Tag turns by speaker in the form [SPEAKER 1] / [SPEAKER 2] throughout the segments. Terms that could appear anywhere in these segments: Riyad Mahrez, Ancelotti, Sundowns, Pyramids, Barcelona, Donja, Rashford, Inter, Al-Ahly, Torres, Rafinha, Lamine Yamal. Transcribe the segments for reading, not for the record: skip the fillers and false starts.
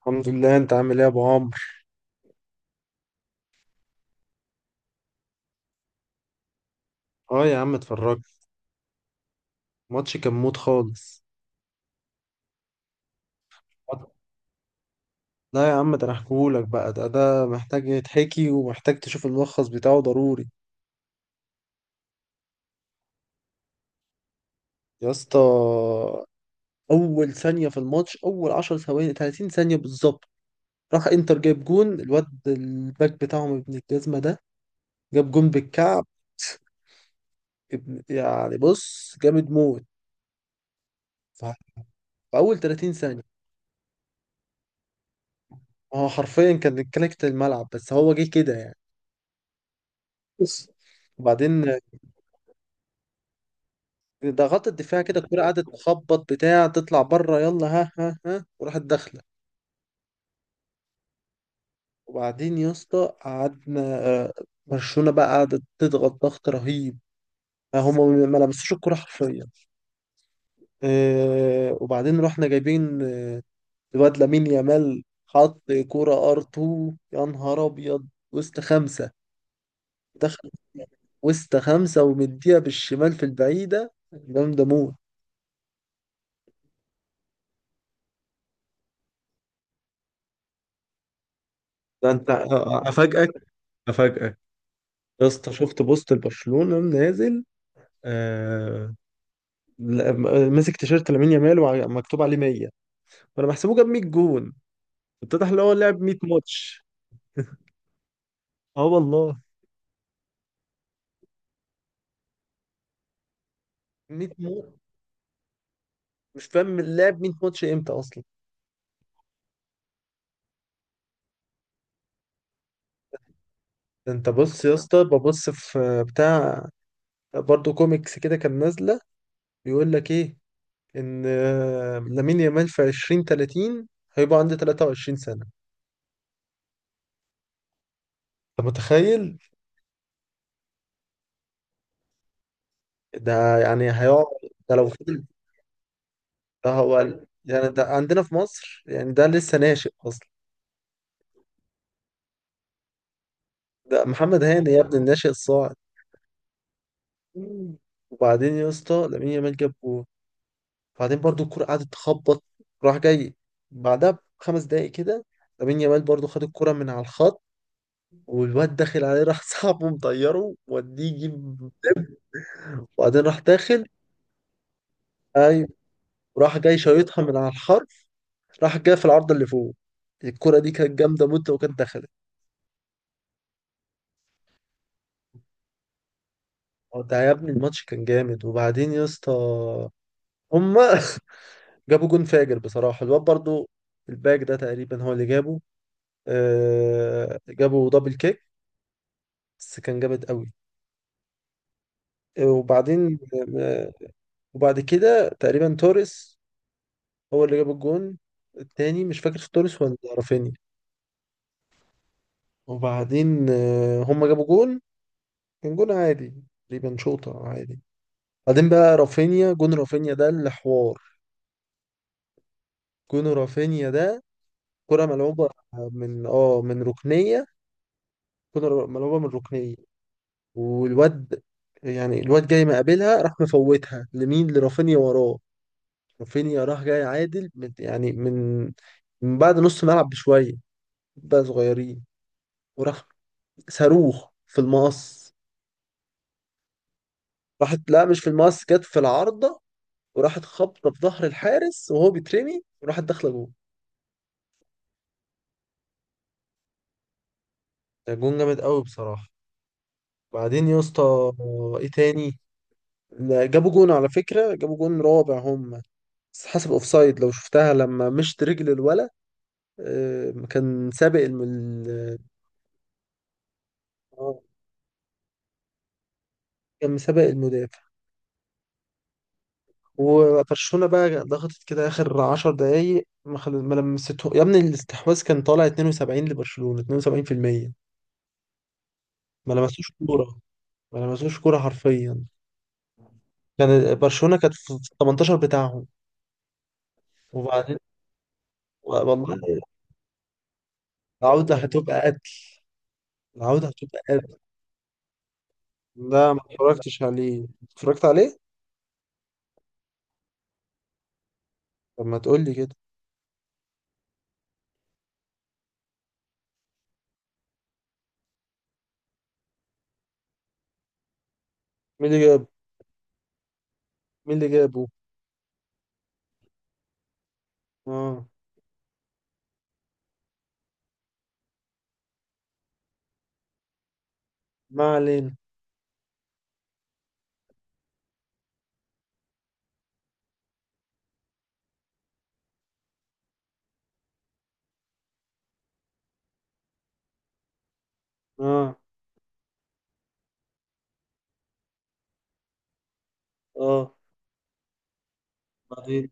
[SPEAKER 1] الحمد لله، انت عامل ايه يا ابو عمرو؟ اه يا عم اتفرجت. الماتش كان موت خالص. لا يا عم، ده انا احكيهولك بقى. ده محتاج يتحكي ومحتاج تشوف الملخص بتاعه ضروري. يا اسطى، اول ثانيه في الماتش، اول 10 ثواني، 30 ثانيه بالظبط، راح انتر جايب جون. الواد الباك بتاعهم ابن الجزمه ده جاب جون بالكعب. ابن، يعني بص، جامد موت. ف- في اول 30 ثانيه. هو حرفيا كان كلكت الملعب بس هو جه كده يعني. بص. وبعدين ضغطت الدفاع كده، الكرة قعدت تخبط بتاع، تطلع بره، يلا ها ها ها، وراحت داخلة. وبعدين يا اسطى قعدنا، آه، برشلونة بقى قعدت تضغط ضغط رهيب. آه، هم ما لمسوش الكرة حرفيا. وبعدين رحنا جايبين، الواد لامين يامال حط كرة ار 2، يا نهار ابيض، وسط خمسة، دخل. وسط خمسة، ومديها بالشمال في البعيدة، جامدة موت. ده انت، افاجئك افاجئك. يا اسطى شفت بوست لبرشلونة نازل، آه، ماسك تيشيرت لامين يامال ومكتوب عليه 100. فانا بحسبه جاب 100 جون، اتضح ان هو لعب 100 ماتش. اه والله. 100 ماتش، مش فاهم لعب 100 ماتش امتى اصلا. ده انت بص يا اسطى، ببص في بتاع، برضه كوميكس كده كان نازلة، بيقول لك ايه، ان لامين يامال في 20 30 هيبقى عنده 23 سنة. انت متخيل؟ ده يعني هيقعد، ده لو فضل. ده هو يعني ده عندنا في مصر يعني ده لسه ناشئ اصلا. ده محمد هاني يا ابني الناشئ الصاعد. مم. وبعدين يا اسطى لامين يامال جاب جول، وبعدين برضو الكرة قعدت تخبط، راح جاي بعدها بخمس دقايق كده لامين يامال برضو خد الكرة من على الخط، والواد داخل عليه، راح صاحبه مطيره وديه يجيب، وبعدين راح داخل. ايوه، راح جاي شايطها من على الحرف، راح جاي في العارضة اللي فوق. الكرة دي كانت جامدة موت لو كانت دخلت. هو ده يا ابني الماتش كان جامد. وبعدين يا اسطى هما جابوا جون فاجر بصراحة، الواد برضو الباك ده تقريبا هو اللي جابه. آه جابوا دبل كيك، بس كان جامد قوي. آه، وبعدين آه وبعد كده تقريبا توريس هو اللي جاب الجون التاني، مش فاكر في توريس ولا رافينيا. وبعدين آه هما جابوا جون، كان جون عادي، تقريبا شوطة عادي. بعدين بقى رافينيا، جون رافينيا ده اللي حوار. جون رافينيا ده كرة ملعوبة من اه من ركنية، كرة ملعوبة من ركنية، والواد، يعني الواد جاي مقابلها راح مفوتها لمين، لرافينيا وراه. رافينيا راح جاي عادل من، يعني من بعد نص ملعب بشوية، بقى صغيرين، وراح صاروخ في المقص. راحت، لا مش في المقص، جت في العارضة وراحت خبطة في ظهر الحارس وهو بيترمي وراحت داخلة جول. ده جون جامد قوي بصراحة. بعدين يا اسطى، ايه تاني؟ لا، جابوا جون على فكرة، جابوا جون رابع هم، بس حسب اوفسايد. لو شفتها لما مشت رجل الولد، آه، كان سابق الم... ال- آه، كان مسابق المدافع. وبرشلونة بقى ضغطت كده آخر عشر دقايق، ما لمسته يا ابني، الاستحواذ كان طالع 72 لبرشلونة، 72%. ما لمسوش كورة، ما لمسوش كورة حرفيا. كان برشلونة كانت في 18 بتاعهم. وبعدين، والله العودة هتبقى قتل، العودة هتبقى قتل. لا ما اتفرجتش عليه. اتفرجت عليه؟ طب ما تقول لي كده. مين اللي جاب؟ مين اللي جابه؟ اه. ما علينا. اه. اه، بعدين.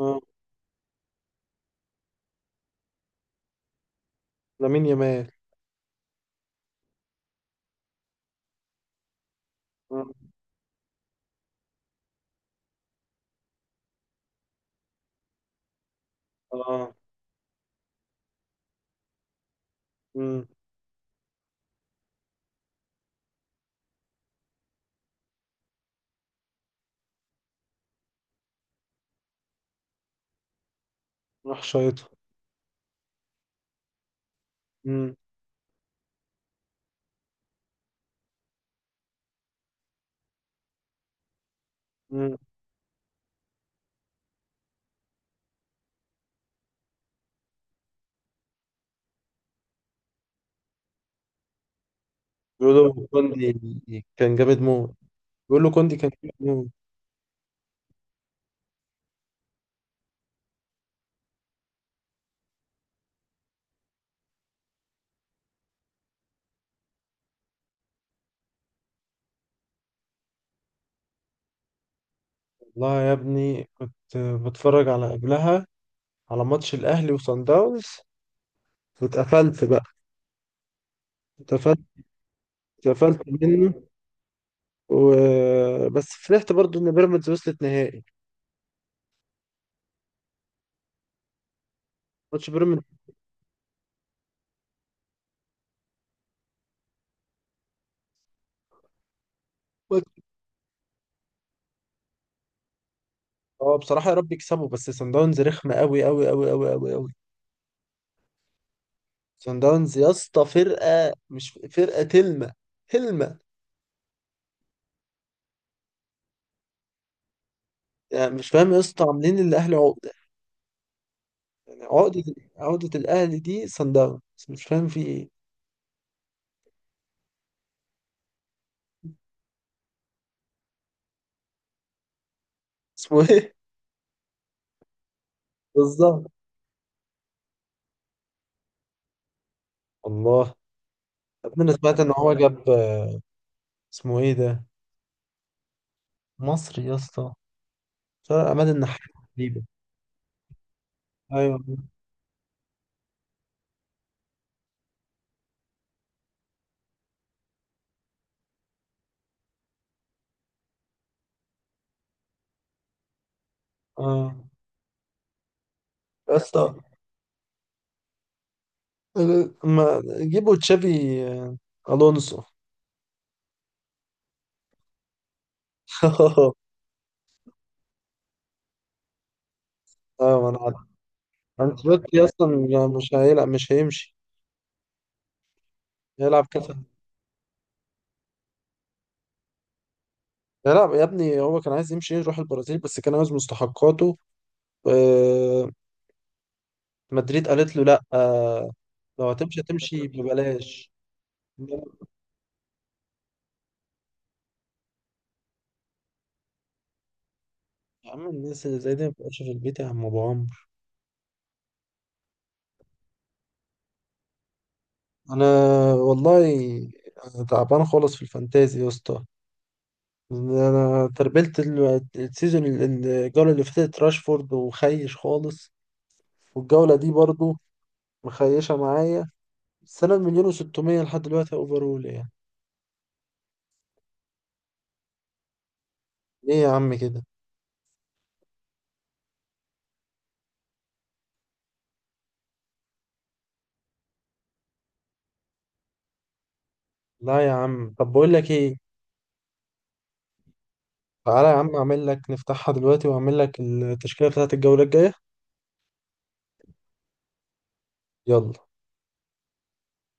[SPEAKER 1] آه. لامين يامال. اه. آه. امم. راح شايطها. امم. امم. بيقولوا كوندي كان جامد موت. بيقولوا كوندي كان جامد موت. والله يا ابني كنت بتفرج على قبلها، على ماتش الاهلي وصن داونز، واتقفلت بقى، اتقفلت. اتقفلت منه و... بس فرحت برضو ان بيراميدز وصلت نهائي. ماتش بيراميدز. اه بصراحة يا رب يكسبوا، بس صن داونز رخمة قوي قوي قوي قوي قوي قوي. سان داونز يا اسطى فرقه، مش فرقه تلمه، تلمه. يعني مش فاهم يا اسطى، عاملين الاهلي عقده، يعني عقده، عقده الاهلي دي سان داونز. مش فاهم في ايه. اسمه ايه؟ بالظبط. الله. يا ابني انا سمعت ان هو جاب، اسمه ايه ده، مصري يا اسطى، فرق عماد النحاس تقريبا. ايوه. اه يا اسطى، ما جيبوا تشافي، آه، الونسو ايوه ما انا عارف. انشيلوتي اصلا مش هيلعب، مش هيمشي. هيلعب كاس. لا لا يا ابني، هو كان عايز يمشي يروح البرازيل بس كان عايز مستحقاته. آه. مدريد قالت له لا. آه، لو هتمشي هتمشي ببلاش. لا، يا عم الناس اللي زي دي ما بتبقاش في البيت يا عم ابو عمرو. انا، والله تعبان خالص في الفانتازي يا اسطى. انا تربلت السيزون، الجوله اللي فاتت راشفورد وخيش خالص، والجوله دي برضو مخيشه معايا. بس انا بمليون و600 لحد دلوقتي اوفرول يعني. ليه يا عم كده؟ لا يا عم، طب بقول لك ايه، تعالى يا عم اعمل لك، نفتحها دلوقتي واعمل لك التشكيلة بتاعت الجولة الجاية. يلا.